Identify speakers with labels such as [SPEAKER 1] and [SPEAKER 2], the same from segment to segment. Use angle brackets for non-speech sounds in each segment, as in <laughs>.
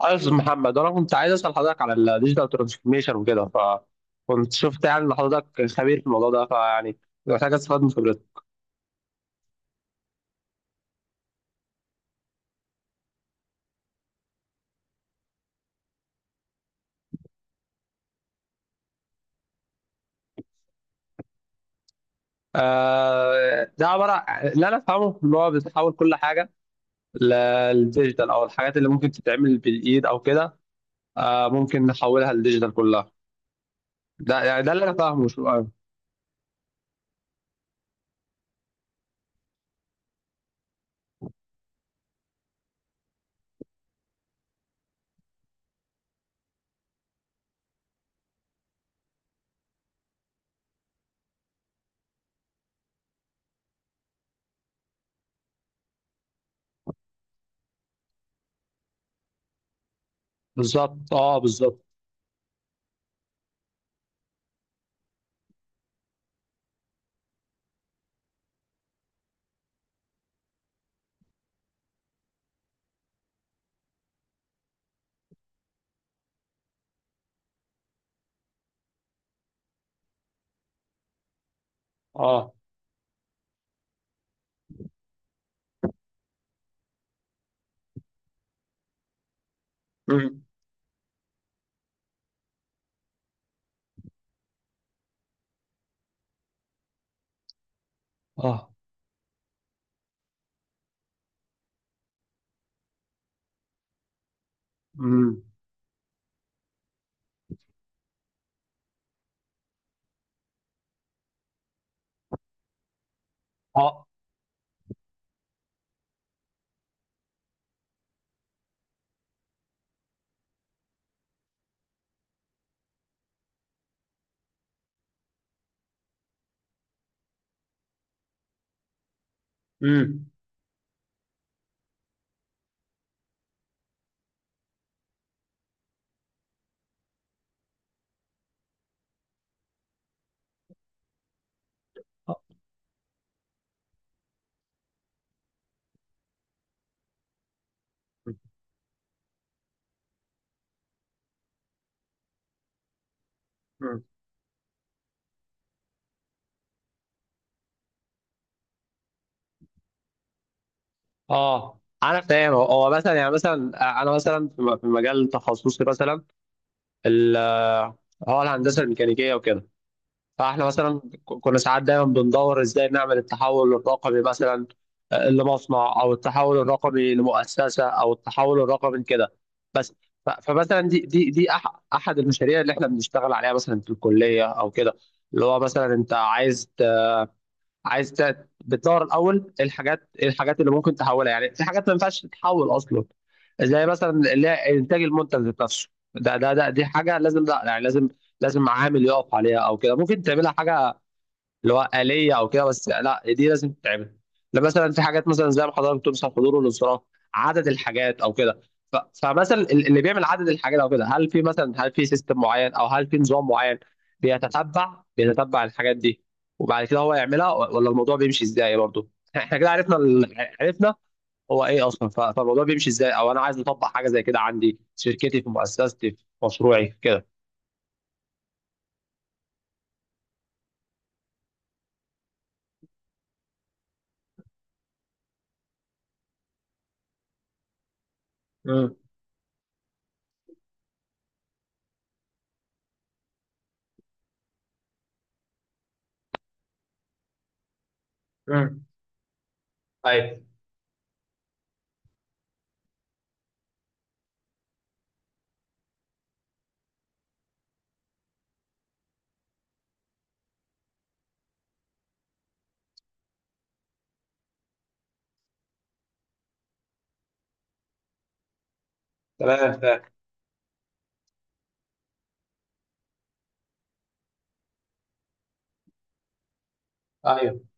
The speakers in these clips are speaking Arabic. [SPEAKER 1] عايز محمد وانا كنت عايز اسال حضرتك على الديجيتال ترانسفورميشن وكده، فكنت شفت يعني ان حضرتك خبير في الموضوع ده فيعني محتاج استفاد من خبرتك. آه، ده عباره اللي انا افهمه ان هو بتحول كل حاجه للديجيتال او الحاجات اللي ممكن تتعمل بالايد او كده، آه ممكن نحولها للديجيتال كلها. ده يعني ده اللي انا فاهمه شو بالظبط، اه بالظبط. اه. امم. اه. امم. اه. امم. اه انا فاهم، هو مثلا يعني مثلا انا مثلا في في مجال تخصصي مثلا، ال- هو الهندسه الميكانيكيه وكده. فاحنا مثلا كنا ساعات دايما بندور ازاي نعمل التحول الرقمي مثلا، لمصنع او التحول الرقمي لمؤسسه او التحول الرقمي كده، بس. فمثلا دي احد المشاريع اللي احنا بنشتغل عليها مثلا في الكليه او كده. اللي هو مثلا انت عايز، عايز بتدور الاول إيه الحاجات، إيه الحاجات اللي ممكن تحولها. يعني في حاجات ما ينفعش تتحول اصلا، زي مثلا اللي هي انتاج المنتج ذات نفسه. ده دي حاجه لازم، لا يعني لازم، لازم عامل يقف عليها او كده. ممكن تعملها حاجه اللي هو آلية أو كده، بس لا دي لازم تتعمل. لا مثلا في حاجات مثلا زي ما حضرتك بتقول مثلا حضور والانصراف، عدد الحاجات أو كده. ف- فمثلا اللي بيعمل عدد الحاجات أو كده، هل في مثلا، هل في سيستم معين أو هل في نظام معين بيتتبع، بيتتبع الحاجات دي، وبعد كده هو يعملها. ولا الموضوع بيمشي إزاي برضه؟ <laughs> إحنا كده عرفنا عرفنا هو إيه أصلا، فالموضوع بيمشي إزاي أو أنا عايز أطبق حاجة زي كده عندي في شركتي، في مؤسستي، في مشروعي كده. امم. امم. ايوه. تمام، تمام. ايوه.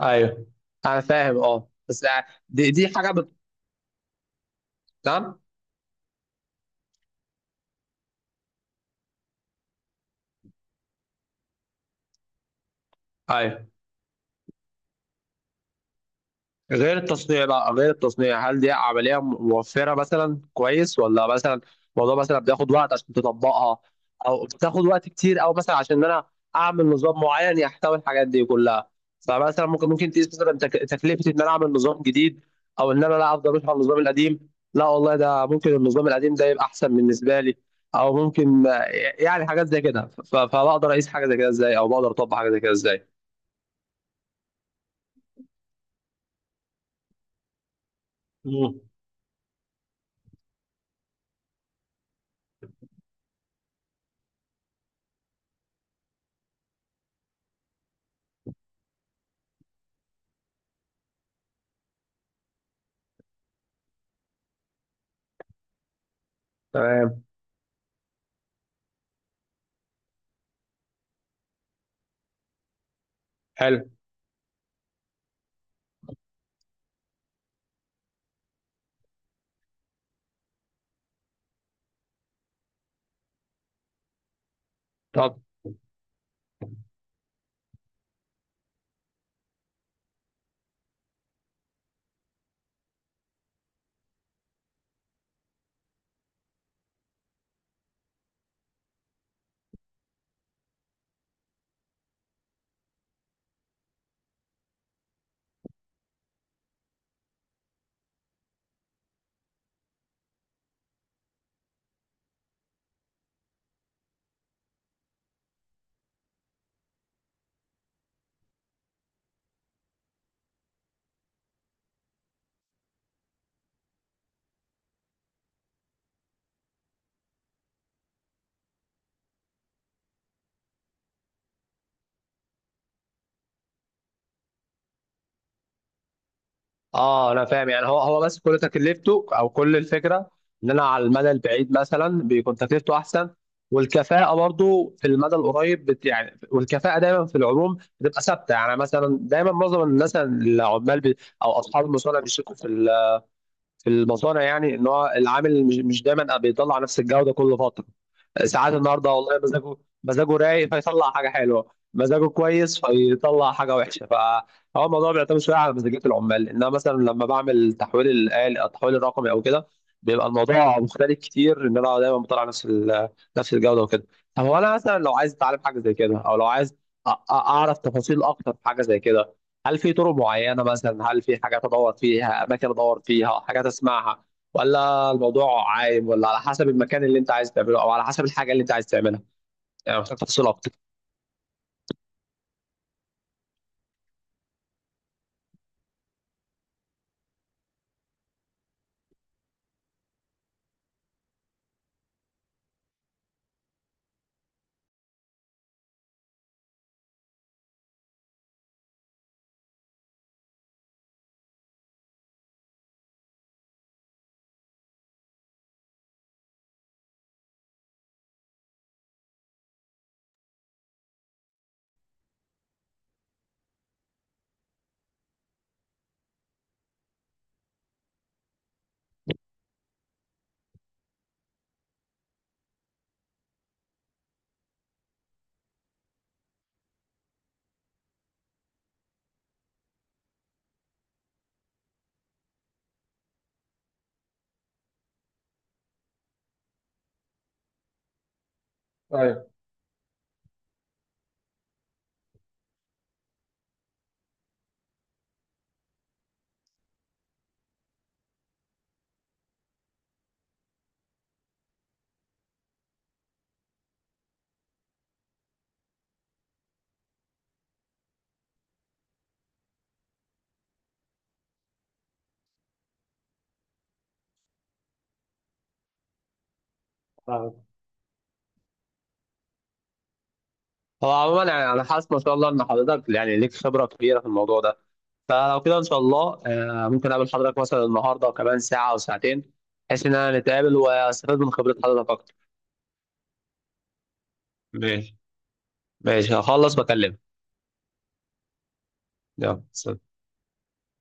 [SPEAKER 1] ايوه انا فاهم، اه، بس دي دي حاجه بت... نعم. ايوه، غير التصنيع بقى، غير التصنيع هل دي عملية موفرة مثلا كويس، ولا مثلا الموضوع مثلا بياخد وقت عشان تطبقها، او بتاخد وقت كتير، او مثلا عشان انا اعمل نظام معين يحتوي الحاجات دي كلها. فمثلا ممكن تقيس مثلا تكلفة ان انا اعمل نظام جديد، او ان انا لا افضل ماشي على النظام القديم. لا والله ده ممكن النظام القديم ده يبقى احسن بالنسبة لي، او ممكن يعني حاجات زي كده. فبقدر اقيس حاجة زي كده ازاي، او بقدر اطبق حاجة زي كده ازاي؟ مم. تمام. حلو. طب اه انا فاهم يعني، هو بس كل تكلفته او كل الفكره ان انا على المدى البعيد مثلا بيكون تكلفته احسن، والكفاءه برضو في المدى القريب بت يعني، والكفاءه دايما في العموم بتبقى ثابته. يعني مثلا دايما معظم الناس العمال بي، او اصحاب المصانع بيشتكوا في في المصانع، يعني ان هو العامل مش دايما بيطلع نفس الجوده كل فتره. ساعات النهارده والله مزاجه، مزاجه رايق فيطلع حاجه حلوه، مزاجه كويس فيطلع حاجه وحشه. فهو الموضوع بيعتمد شويه على مزاجيه العمال، انما مثلا لما بعمل تحويل الآل التحويل الرقمي او كده، بيبقى الموضوع مختلف كتير ان انا دايما بطلع نفس نفس الجوده وكده. طب هو انا مثلا لو عايز اتعلم حاجه زي كده، او لو عايز اعرف تفاصيل اكتر في حاجه زي كده، هل في طرق معينه مثلا، هل في حاجات ادور فيها، اماكن ادور فيها حاجات اسمعها، ولا الموضوع عايم، ولا على حسب المكان اللي انت عايز تعمله او على حسب الحاجه اللي انت عايز تعملها؟ يعني محتاج تفاصيل اكتر. ايوه. فاهم. هو عموما يعني انا حاسس ما شاء الله ان حضرتك يعني ليك خبره كبيره في الموضوع ده، فلو كده ان شاء الله ممكن اقابل حضرتك مثلا النهارده وكمان ساعه او ساعتين، بحيث ان انا نتقابل واستفاد من خبره حضرتك اكتر. ماشي. ماشي، هخلص بكلمك. يلا، سلام.